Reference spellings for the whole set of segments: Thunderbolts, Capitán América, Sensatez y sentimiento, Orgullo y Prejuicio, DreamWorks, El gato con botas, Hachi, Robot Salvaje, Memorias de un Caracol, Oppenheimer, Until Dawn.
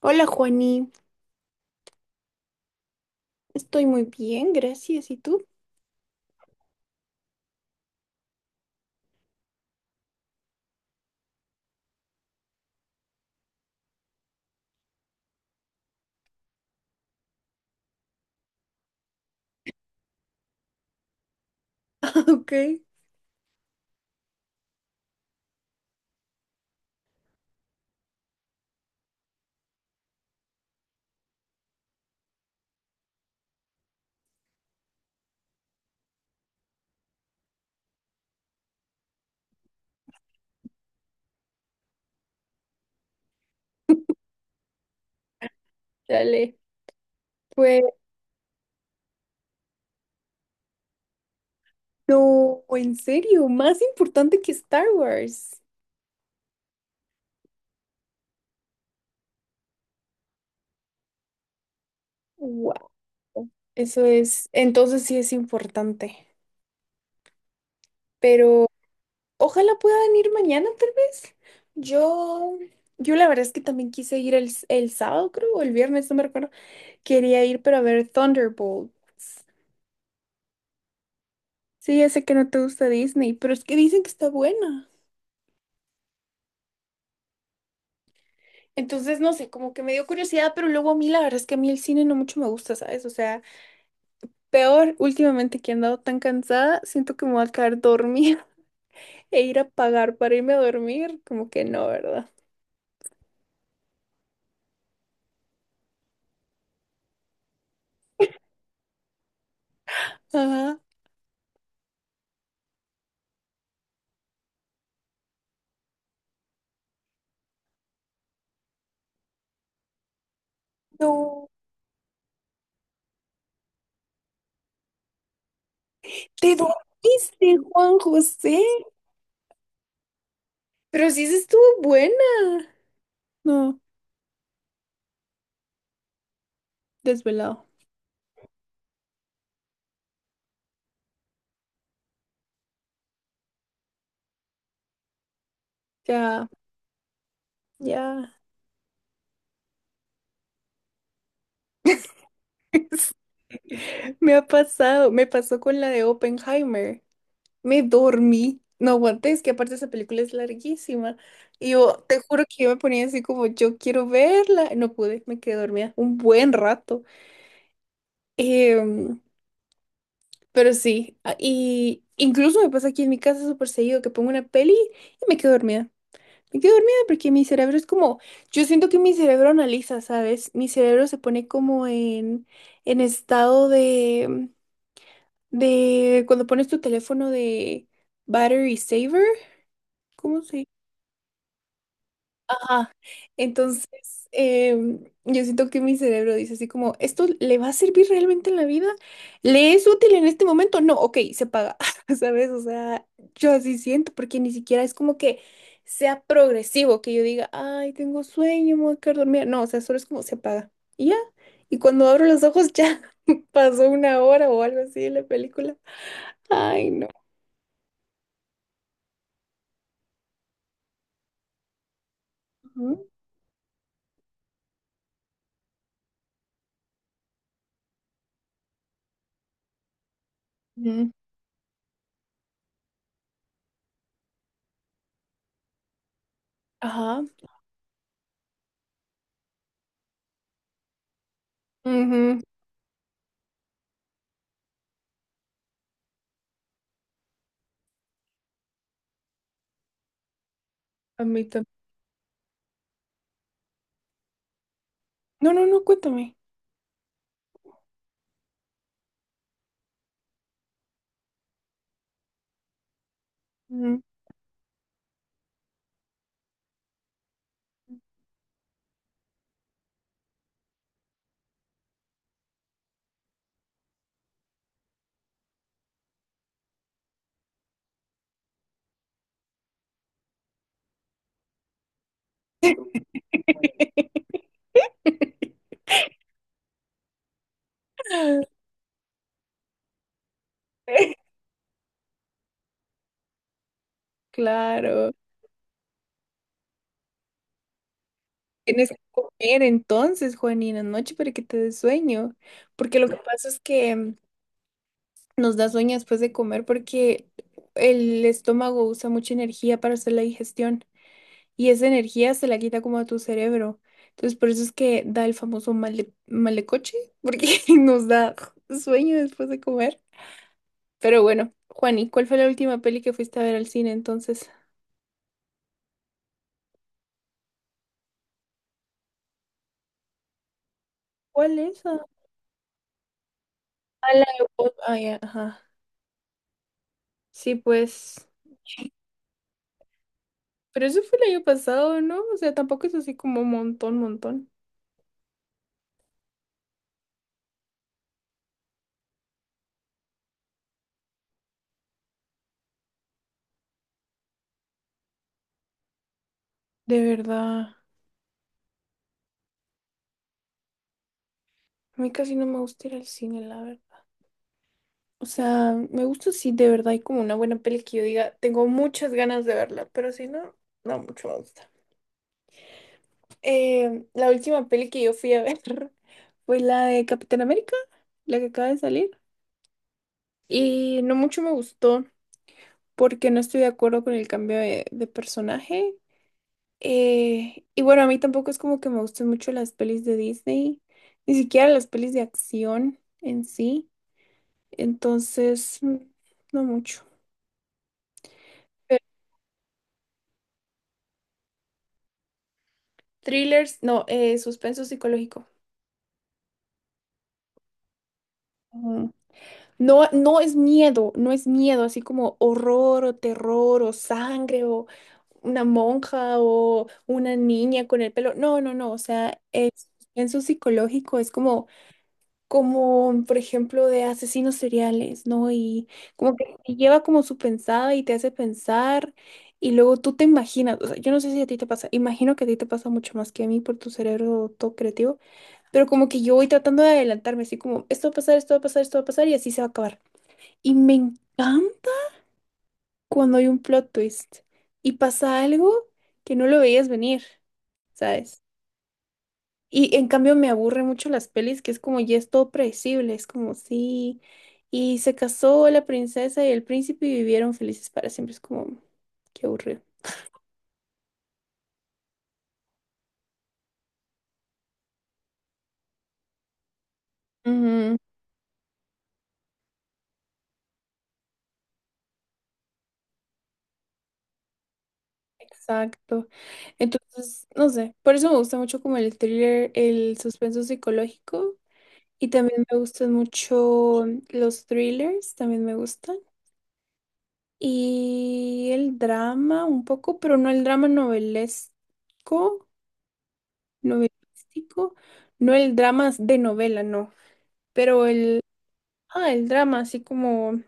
Hola Juani, estoy muy bien, gracias. ¿Y tú? Ok, dale. Pues no, en serio, más importante que Star Wars. Wow, eso es, entonces sí es importante. Pero ojalá pueda venir mañana, tal vez. Yo, yo la verdad es que también quise ir el sábado, creo, o el viernes, no me recuerdo. Quería ir para ver Thunderbolts. Sí, ya sé que no te gusta Disney, pero es que dicen que está buena. Entonces, no sé, como que me dio curiosidad, pero luego a mí la verdad es que a mí el cine no mucho me gusta, ¿sabes? O sea, peor últimamente que he andado tan cansada, siento que me voy a quedar dormida e ir a pagar para irme a dormir, como que no, ¿verdad? Ajá. No. ¿Te dormiste, Juan José? Pero sí se estuvo buena. No, desvelado. Ya, ya. Me ha pasado, me pasó con la de Oppenheimer. Me dormí, no aguanté, es que aparte esa película es larguísima. Y yo te juro que yo me ponía así como, yo quiero verla. No pude, me quedé dormida un buen rato. Em, pero sí, y incluso me pasa aquí en mi casa súper seguido que pongo una peli y me quedo dormida. Me quedo dormida porque mi cerebro es como, yo siento que mi cerebro analiza, ¿sabes? Mi cerebro se pone como en estado de cuando pones tu teléfono de battery saver. ¿Cómo se Ah, entonces, yo siento que mi cerebro dice así como, ¿esto le va a servir realmente en la vida? ¿Le es útil en este momento? No, ok, se paga, ¿sabes? O sea, yo así siento, porque ni siquiera es como que sea progresivo, que yo diga, ay, tengo sueño, me voy a quedar dormida. No, o sea, solo es como se paga. Y ya, y cuando abro los ojos ya pasó una hora o algo así de la película. Ay, no. Ujú. Ujú. Ajá. Ujú. A mí también. No, no, no, cuéntame. Claro. Tienes que comer entonces, Juanina, noche para que te dé sueño. Porque lo que pasa es que nos da sueño después de comer porque el estómago usa mucha energía para hacer la digestión y esa energía se la quita como a tu cerebro. Entonces, por eso es que da el famoso malecoche, porque nos da sueño después de comer. Pero bueno, Juani, ¿cuál fue la última peli que fuiste a ver al cine entonces? ¿Cuál es? Ah, la de ah, ya, ajá. Sí, pues. Pero eso fue el año pasado, ¿no? O sea, tampoco es así como montón, montón. De verdad, a mí casi no me gusta ir al cine, la verdad. O sea, me gusta si de verdad hay como una buena peli que yo diga, tengo muchas ganas de verla, pero si no, no mucho me gusta. La última peli que yo fui a ver fue la de Capitán América, la que acaba de salir. Y no mucho me gustó porque no estoy de acuerdo con el cambio de personaje. Y bueno, a mí tampoco es como que me gusten mucho las pelis de Disney, ni siquiera las pelis de acción en sí. Entonces, no mucho. Pero thrillers, no, suspenso psicológico. Ujú. No, no es miedo, no es miedo, así como horror o terror o sangre o una monja o una niña con el pelo. No, no, no, o sea, es suspenso psicológico, es como como por ejemplo de asesinos seriales, ¿no? Y como que te lleva como su pensada y te hace pensar y luego tú te imaginas, o sea, yo no sé si a ti te pasa, imagino que a ti te pasa mucho más que a mí por tu cerebro todo creativo, pero como que yo voy tratando de adelantarme, así como esto va a pasar, esto va a pasar, esto va a pasar y así se va a acabar. Y me encanta cuando hay un plot twist y pasa algo que no lo veías venir, ¿sabes? Y en cambio me aburre mucho las pelis que es como ya es todo predecible, es como sí, y se casó la princesa y el príncipe y vivieron felices para siempre, es como, qué aburrido. Ujú, exacto. Entonces, no sé, por eso me gusta mucho como el thriller, el suspenso psicológico y también me gustan mucho los thrillers, también me gustan. Y el drama un poco, pero no el drama novelesco. Novelístico, no el drama de novela, no, pero el, ah, el drama, así como,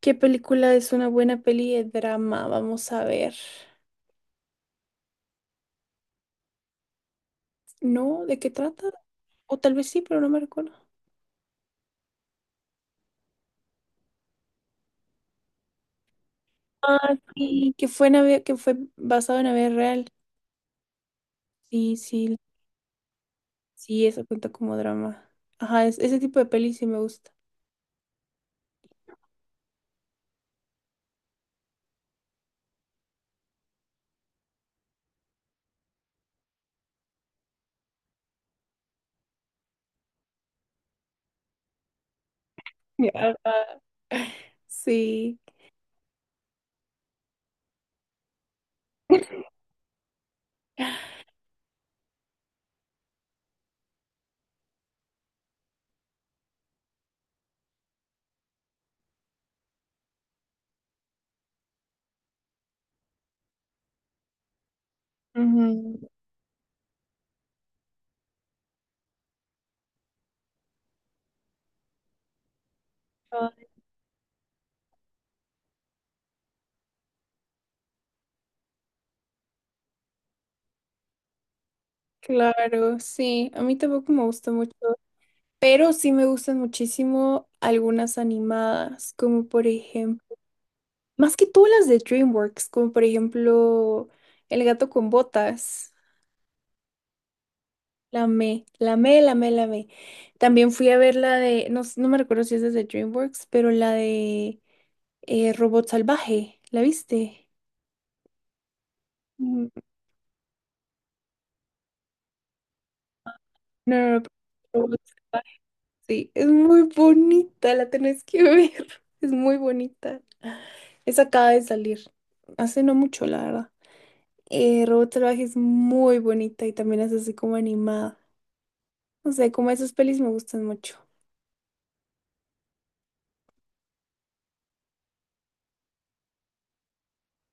¿qué película es una buena peli de drama? Vamos a ver. ¿No? ¿De qué trata? O tal vez sí, pero no me recuerdo. Ah, sí, que fue, que fue basado en la vida real. Sí, sí, sí, eso cuenta como drama. Ajá, ese tipo de peli sí me gusta. Ajá. Sí. Ujú. Ah, claro, sí. A mí tampoco me gusta mucho. Pero sí me gustan muchísimo algunas animadas, como por ejemplo, más que todas las de DreamWorks, como por ejemplo El gato con botas, la me. También fui a ver la de, no, no me recuerdo si es de DreamWorks, pero la de Robot Salvaje, ¿la viste? Mm, No, no, no, pero Robot Salvaje, sí, es muy bonita, la tenés que ver, es muy bonita. Esa acaba de salir, hace no mucho, la verdad. Robot Salvaje es muy bonita y también es así como animada. No sé, como esas pelis me gustan mucho.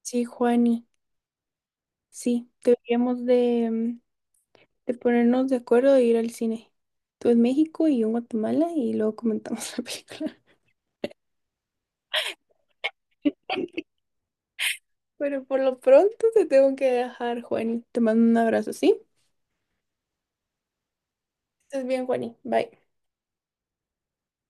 Sí, Juani, sí, deberíamos de, de ponernos de acuerdo de ir al cine. Tú en México y yo en Guatemala y luego comentamos la película. Pero por lo pronto te tengo que dejar, Juani. Te mando un abrazo, ¿sí? Estés bien, Juani. Bye.